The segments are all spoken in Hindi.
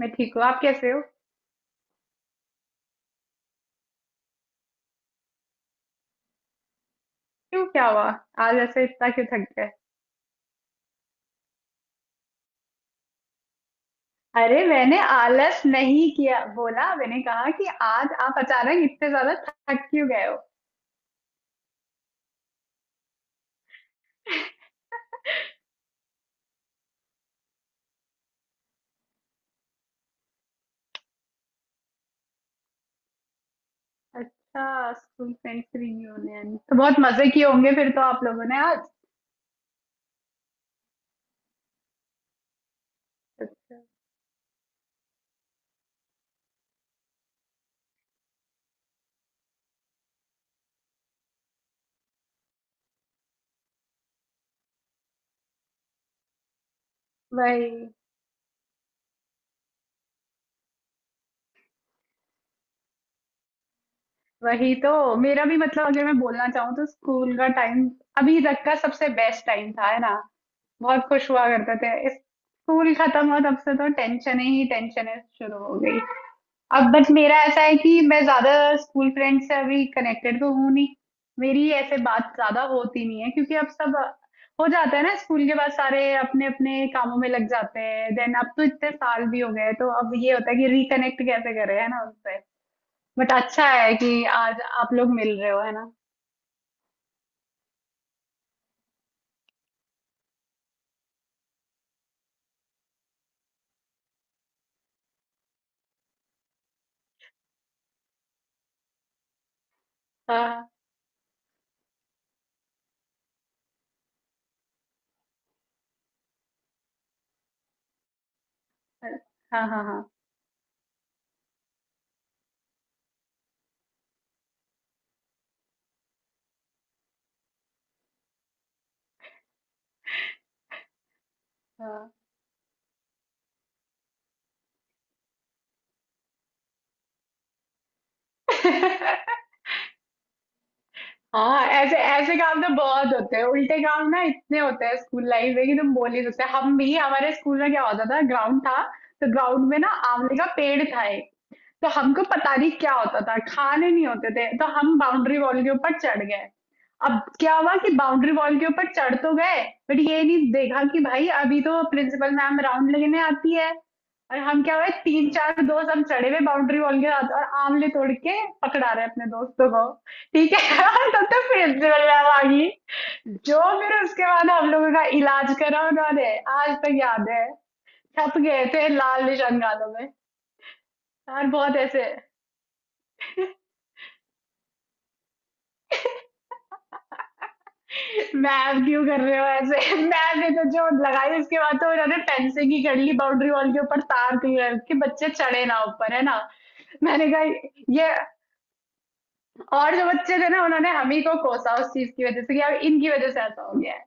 मैं ठीक हूँ। आप कैसे हो? क्यों, क्या हुआ? आज ऐसे इतना क्यों थक गए? अरे मैंने आलस नहीं किया बोला, मैंने कहा कि आज आप अचानक इतने ज्यादा थक क्यों गए हो? अच्छा स्कूल फ्रेंड्स रियूनियन, तो बहुत मजे किए होंगे फिर तो आप लोगों ने आज। वही वही तो मेरा भी मतलब, अगर मैं बोलना चाहूँ तो स्कूल का टाइम अभी तक का सबसे बेस्ट टाइम था है ना। बहुत खुश हुआ करते थे, इस स्कूल खत्म हुआ तब से तो टेंशन ही टेंशन शुरू हो गई। अब बट मेरा ऐसा है कि मैं ज्यादा स्कूल फ्रेंड से अभी कनेक्टेड तो हूँ नहीं। मेरी ऐसे बात ज्यादा होती नहीं है क्योंकि अब सब हो जाता है ना स्कूल के बाद, सारे अपने अपने कामों में लग जाते हैं। देन अब तो इतने साल भी हो गए तो अब ये होता है कि रिकनेक्ट कैसे कर रहे हैं ना उससे। बट अच्छा है कि आज आप लोग मिल रहे हो है ना। हाँ हाँ हाँ। हाँ हाँ। हाँ ऐसे ऐसे काम तो बहुत होते हैं, उल्टे काम ना इतने होते हैं स्कूल लाइफ में कि तुम बोल ही नहीं सकते। हम भी हमारे स्कूल में क्या होता था, ग्राउंड था तो ग्राउंड में ना आंवले का पेड़ था एक। तो हमको पता नहीं क्या होता था, खाने नहीं होते थे तो हम बाउंड्री वॉल के ऊपर चढ़ गए। अब क्या हुआ कि बाउंड्री वॉल के ऊपर चढ़ तो गए बट ये नहीं देखा कि भाई अभी तो प्रिंसिपल मैम राउंड लेने आती है। और हम क्या हुए, तीन चार दोस्त हम चढ़े हुए बाउंड्री वॉल के साथ और आंवले तोड़ के पकड़ा रहे अपने दोस्तों को। ठीक है। तब तक फिर जयराम आ गई। जो फिर उसके बाद हम लोगों का इलाज करा उन्होंने। आज तक याद है, छप गए थे लाल निशान गालों में। यार बहुत ऐसे। मैम क्यों कर रहे हो ऐसे। मैम ने तो जो लगाई उसके बाद तो उन्होंने फेंसिंग ही कर ली बाउंड्री वॉल के ऊपर तार थी कि बच्चे चढ़े ना ऊपर है ना। मैंने कहा ये। और जो बच्चे थे ना उन्होंने हम ही को कोसा उस चीज की वजह से कि अब इनकी वजह से ऐसा हो गया है।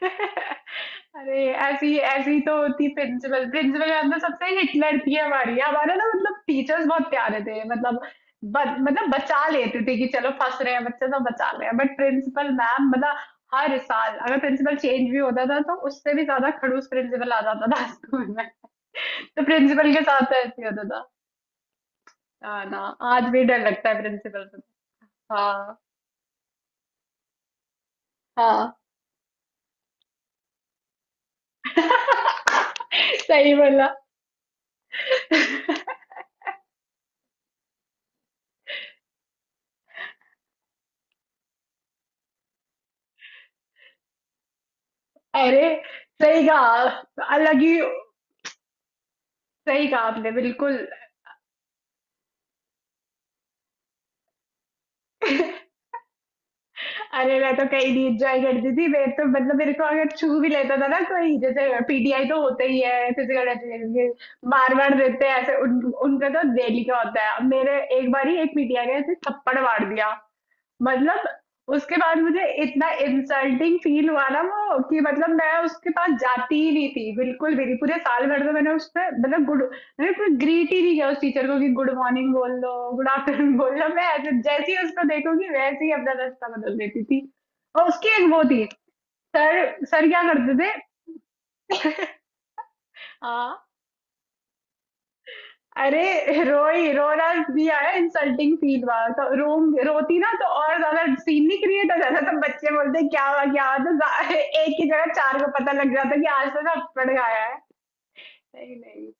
अरे ऐसी ऐसी तो होती। प्रिंसिपल प्रिंसिपल मैम तो सबसे हिटलर थी हमारी, हमारे ना मतलब टीचर्स बहुत प्यारे थे मतलब मतलब बचा लेते थे कि चलो फंस रहे हैं बच्चे तो बचा रहे हैं, बट प्रिंसिपल मैम मतलब हर साल अगर प्रिंसिपल चेंज भी होता था तो उससे भी ज्यादा खड़ूस प्रिंसिपल आ जाता था स्कूल में। तो प्रिंसिपल के साथ तो ऐसे ही होता था। हाँ ना। आज भी डर लगता है प्रिंसिपल से। हाँ हाँ। सही बोला। अरे सही कहा। अलग ही। सही कहा आपने बिल्कुल। अरे मैं तो कहीं नहीं एंजॉय करती थी। मैं तो मतलब मेरे को अगर छू भी लेता था ना कोई, जैसे पीटीआई तो होते ही है फिजिकल एजुकेशन के, मार मार देते हैं ऐसे उनका तो डेली का होता है। अब मेरे एक बार ही एक पीटीआई ने ऐसे थप्पड़ मार दिया, मतलब उसके बाद मुझे इतना इंसल्टिंग फील हुआ ना वो कि मतलब मैं उसके पास जाती ही नहीं थी बिल्कुल भी नहीं पूरे साल भर, तो मैंने उससे मतलब गुड, अरे कोई ग्रीट ही नहीं किया उस टीचर को कि गुड मॉर्निंग बोल लो, गुड आफ्टरनून बोल लो। मैं ऐसे जैसे ही उसको देखूंगी वैसे ही अपना रास्ता बदल देती थी। और उसकी एक वो थी। सर, सर क्या करते थे। हाँ, अरे रोई, रोना भी आया, इंसल्टिंग फील हुआ तो रोम रोती ना तो और ज्यादा सीन नहीं क्रिएट हो जाता, तो बच्चे बोलते क्या हुआ तो जा- एक की जगह चार को पता लग जाता कि आज तो सब पड़ गया है। नहीं नहीं।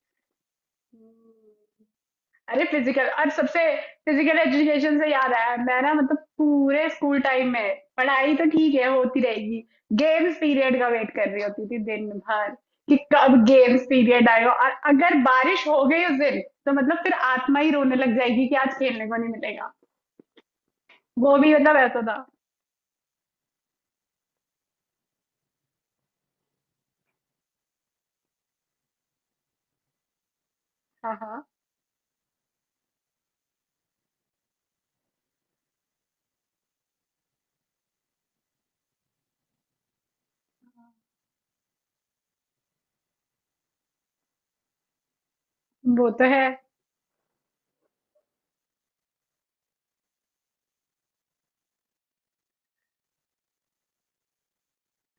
हम्म। अरे फिजिकल और सबसे फिजिकल एजुकेशन से याद आया मैं ना, मतलब पूरे स्कूल टाइम में पढ़ाई तो ठीक है होती रहेगी, गेम्स पीरियड का वेट कर रही होती थी दिन भर कि कब गेम्स पीरियड आएगा, और अगर बारिश हो गई उस दिन तो मतलब फिर आत्मा ही रोने लग जाएगी कि आज खेलने को नहीं मिलेगा। वो भी मतलब ऐसा था। हाँ हाँ। वो तो है।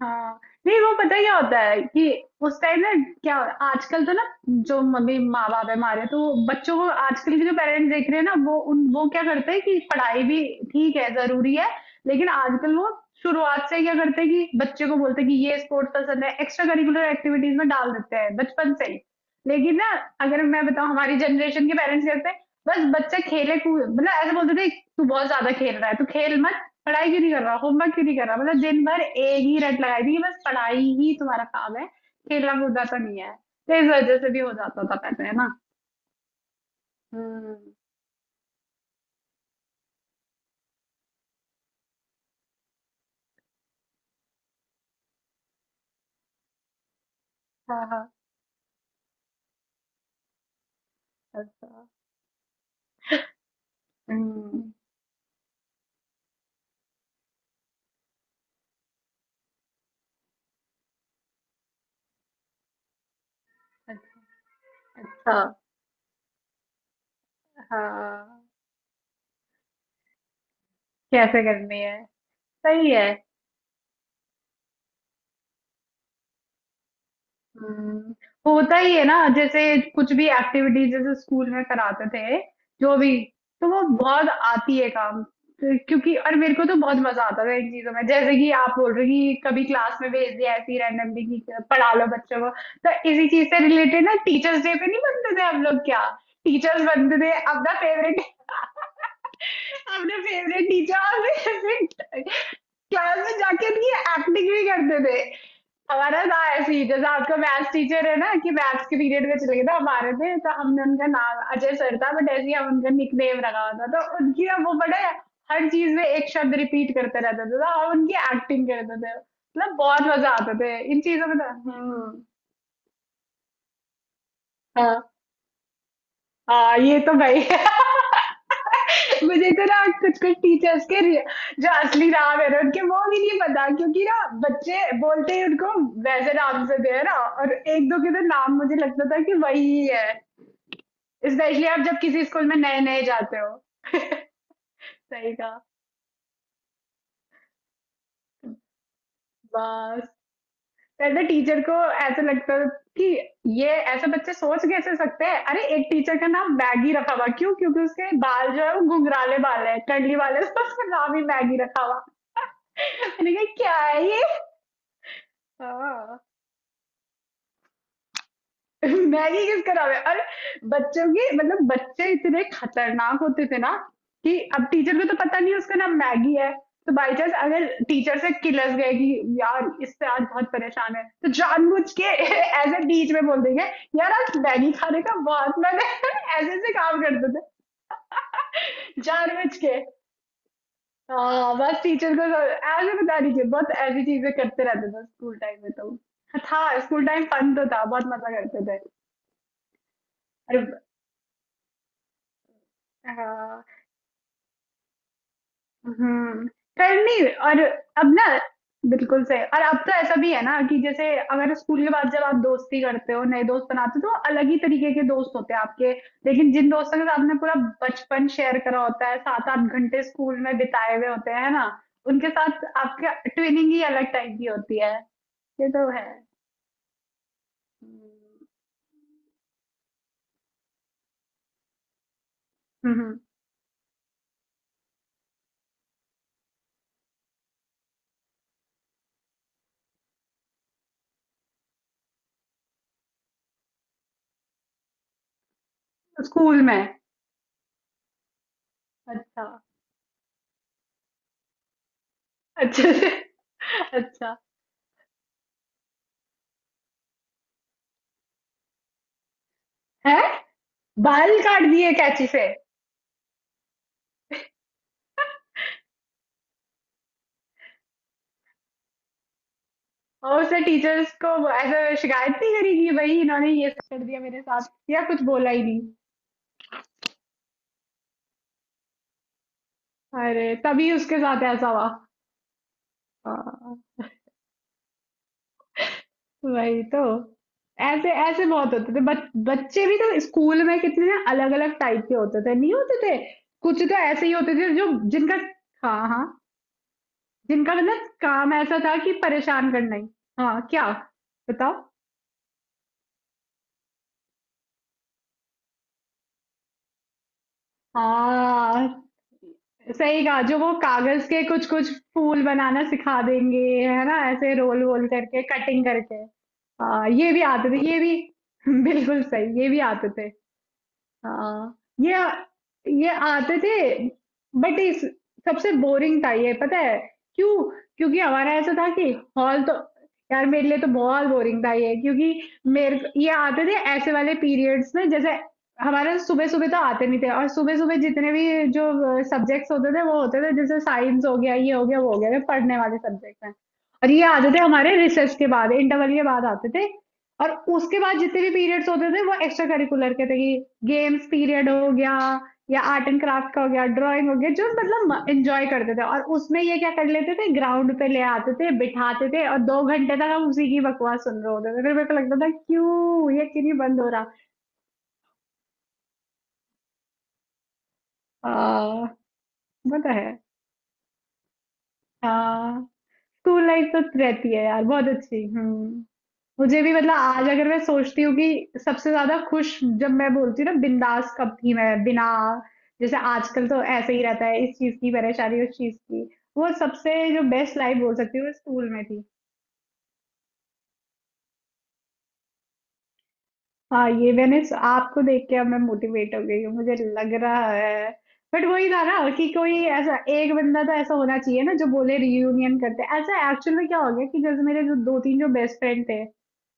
हाँ नहीं वो पता क्या होता है कि उस टाइम ना क्या हो- आजकल तो ना जो मम्मी माँ बाप है हमारे, तो वो बच्चों को, आजकल के जो पेरेंट्स देख रहे हैं ना, वो उन वो क्या करते हैं कि पढ़ाई भी ठीक है जरूरी है, लेकिन आजकल वो शुरुआत से ही क्या करते हैं कि बच्चे को बोलते हैं कि ये स्पोर्ट्स पसंद है, एक्स्ट्रा करिकुलर एक्टिविटीज में डाल देते हैं बचपन से ही। लेकिन ना अगर मैं बताऊं, हमारी जनरेशन के पेरेंट्स कहते हैं बस बच्चा खेले कूद, मतलब ऐसे बोलते थे तू बहुत ज्यादा खेल रहा है, तू खेल मत, पढ़ाई क्यों नहीं कर रहा, होमवर्क क्यों नहीं कर रहा, मतलब दिन भर एक ही रट लगाई थी कि बस पढ़ाई ही तुम्हारा काम है, खेलना कूदना तो नहीं है। तो इस वजह से भी हो जाता था पहले है ना। हम्म। हाँ हाँ। अच्छा। हम्म। अच्छा। हाँ हाँ कैसे करनी है। सही है। हम्म, होता ही है ना जैसे कुछ भी एक्टिविटीज जैसे स्कूल में कराते थे जो भी, तो वो बहुत आती है काम। तो क्योंकि, और मेरे को तो बहुत मजा आता था इन चीजों में, जैसे कि आप बोल रहे कि कभी क्लास में भेज दिया ऐसी रैंडमली कि पढ़ा लो बच्चों को, तो इसी चीज से रिलेटेड ना टीचर्स डे पे नहीं बनते थे हम लोग क्या, टीचर्स बनते थे अपना फेवरेट। अपने फेवरेट टीचर। क्लास में जाके नहीं एक्टिंग भी करते थे। हमारा था ऐसे ही जैसे आपका मैथ्स टीचर है ना कि मैथ्स के पीरियड में चले गए थे, हमारे थे तो हमने उनका नाम अजय सर था बट ऐसे ही हम उनका निकनेम रखा हुआ था, तो उनकी ना वो बड़े हर चीज में एक शब्द रिपीट करते रहते थे, तो हम उनकी एक्टिंग करते थे, मतलब बहुत मजा आता थे इन चीजों में तो। हम्म। हाँ हाँ ये तो भाई। मुझे तो ना कुछ कुछ टीचर्स के रि- जो असली नाम है ना उनके, वो भी नहीं पता क्योंकि ना बच्चे बोलते ही उनको वैसे नाम से दे ना, और एक दो के तो नाम मुझे लगता था कि वही है, स्पेशली आप जब किसी स्कूल में नए नए जाते हो। सही कहा। बस पहले टीचर को ऐसे लगता था कि ये ऐसे बच्चे सोच कैसे सकते हैं, अरे एक टीचर का नाम मैगी रखा हुआ क्यों, क्योंकि उसके बाल जो है वो घुंघराले बाल है टडली वाले, तो उसका नाम ही मैगी रखा हुआ। मैंने कहा क्या है ये। हाँ। मैगी किसका नाम है अरे। बच्चों के मतलब बच्चे इतने खतरनाक होते थे ना कि अब टीचर को तो पता नहीं उसका नाम मैगी है, तो बाई चांस अगर टीचर से किलस गए कि यार इससे आज बहुत परेशान है, तो जानबूझ के ऐसे बीच में बोल देंगे यार आज मैगी खाने का बहुत मन है। ऐसे ऐसे काम करते थे जानबूझ के। हाँ बस टीचर को तो ऐसे बता दीजिए, बहुत ऐसी चीजें करते रहते थे स्कूल टाइम में। तो था, स्कूल टाइम फन तो था, बहुत मजा करते थे। अरे हाँ। हम्म करनी। और अब ना बिल्कुल सही, और अब तो ऐसा भी है ना कि जैसे अगर स्कूल के बाद जब आप दोस्ती करते हो नए दोस्त बनाते हो तो अलग ही तरीके के दोस्त होते हैं आपके, लेकिन जिन दोस्तों के साथ आपने पूरा बचपन शेयर करा होता है, सात आठ घंटे स्कूल में बिताए हुए होते हैं ना, उनके साथ आपका ट्विनिंग ही अलग टाइप की होती है। ये तो है। हम्म हम्म। हम्म। स्कूल में। अच्छा। अच्छे से। अच्छा है। बाल काट दिए कैंची से? और उसने टीचर्स को ऐसा शिकायत नहीं करी कि भाई इन्होंने ये कर दिया मेरे साथ, या कुछ बोला ही नहीं? अरे तभी उसके साथ ऐसा हुआ। हाँ, वही तो। ऐसे ऐसे बहुत होते थे बच्चे भी तो स्कूल में कितने ना अलग अलग टाइप के होते थे नहीं होते थे, कुछ तो ऐसे ही होते थे जो जिनका। हाँ हाँ। जिनका मतलब काम ऐसा था कि परेशान करना ही। हाँ क्या, बताओ। हाँ सही कहा, जो वो कागज के कुछ कुछ फूल बनाना सिखा देंगे, है ना ऐसे रोल वोल करके कटिंग करके। हाँ ये भी आते थे, ये भी। बिल्कुल सही, ये भी आते थे। हाँ ये ये आते थे। बट इस सबसे बोरिंग था ये पता है क्यों? क्योंकि हमारा ऐसा था कि हॉल तो, यार मेरे लिए तो बहुत बोरिंग था ये क्योंकि मेरे को- ये आते थे ऐसे वाले पीरियड्स में जैसे हमारा सुबह सुबह तो आते नहीं थे, और सुबह सुबह जितने भी जो सब्जेक्ट्स होते थे वो होते थे जैसे साइंस हो गया ये हो गया वो हो गया, ये पढ़ने वाले सब्जेक्ट हैं। और ये आते थे हमारे रिसेस के बाद, इंटरवल के बाद आते थे। और उसके बाद जितने भी पीरियड्स होते थे वो एक्स्ट्रा करिकुलर के थे कि गेम्स पीरियड हो गया, या आर्ट एंड क्राफ्ट का हो गया, ड्राइंग हो गया, जो मतलब एंजॉय करते थे, और उसमें ये क्या कर लेते थे ग्राउंड पे ले आते थे बिठाते थे और दो घंटे तक हम उसी की बकवास सुन रहे होते थे, फिर मेरे को लगता था क्यों ये क्यों नहीं बंद हो रहा। आ, पता है। हाँ स्कूल लाइफ तो रहती है यार बहुत अच्छी। हम्म। मुझे भी मतलब आज अगर मैं सोचती हूँ कि सबसे ज्यादा खुश जब मैं बोलती हूँ ना, बिंदास कब थी मैं, बिना, जैसे आजकल तो ऐसे ही रहता है इस चीज की परेशानी उस चीज की, वो सबसे जो बेस्ट लाइफ बोल सकती हूँ स्कूल में थी। हाँ ये मैंने स- आपको देख के अब मैं मोटिवेट हो गई हूँ, मुझे लग रहा है। बट वही था ना कि कोई ऐसा एक बंदा तो ऐसा होना चाहिए ना जो बोले रियूनियन करते हैं। ऐसा एक्चुअल में क्या हो गया कि जैसे मेरे जो दो तीन जो बेस्ट फ्रेंड थे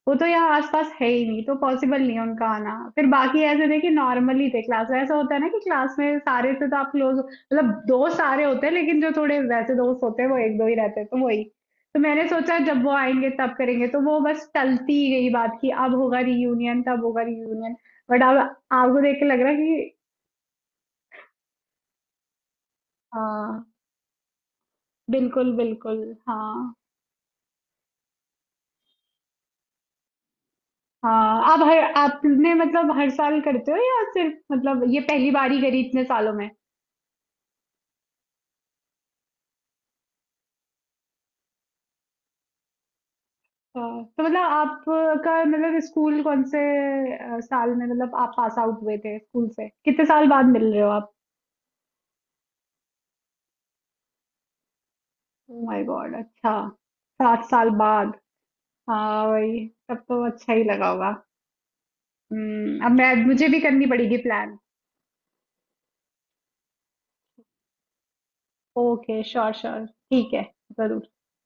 वो तो यहाँ आसपास है ही नहीं, तो पॉसिबल नहीं है उनका आना। फिर बाकी ऐसे थे कि नॉर्मली थे, क्लास ऐसा होता है ना कि क्लास में सारे से तो आप क्लोज मतलब दोस्त सारे होते हैं लेकिन जो थोड़े वैसे दोस्त होते हैं वो एक दो ही रहते हैं तो वही। तो मैंने सोचा जब वो आएंगे तब करेंगे, तो वो बस टलती ही गई बात की अब होगा रियूनियन तब होगा रियूनियन। बट अब आपको देख के लग रहा है कि हाँ, बिल्कुल बिल्कुल। हाँ हाँ, आप हर आपने मतलब हर साल करते हो, या सिर्फ मतलब ये पहली बार ही करी इतने सालों में? हाँ, तो मतलब आपका मतलब स्कूल कौन से साल में मतलब आप पास आउट हुए थे, स्कूल से कितने साल बाद मिल रहे हो आप? ओ माय गॉड, अच्छा। सात साल बाद? हाँ वही, तब तो अच्छा ही लगा होगा। हम्म, अब मैं मुझे भी करनी पड़ेगी प्लान। ओके श्योर श्योर, ठीक है, जरूर।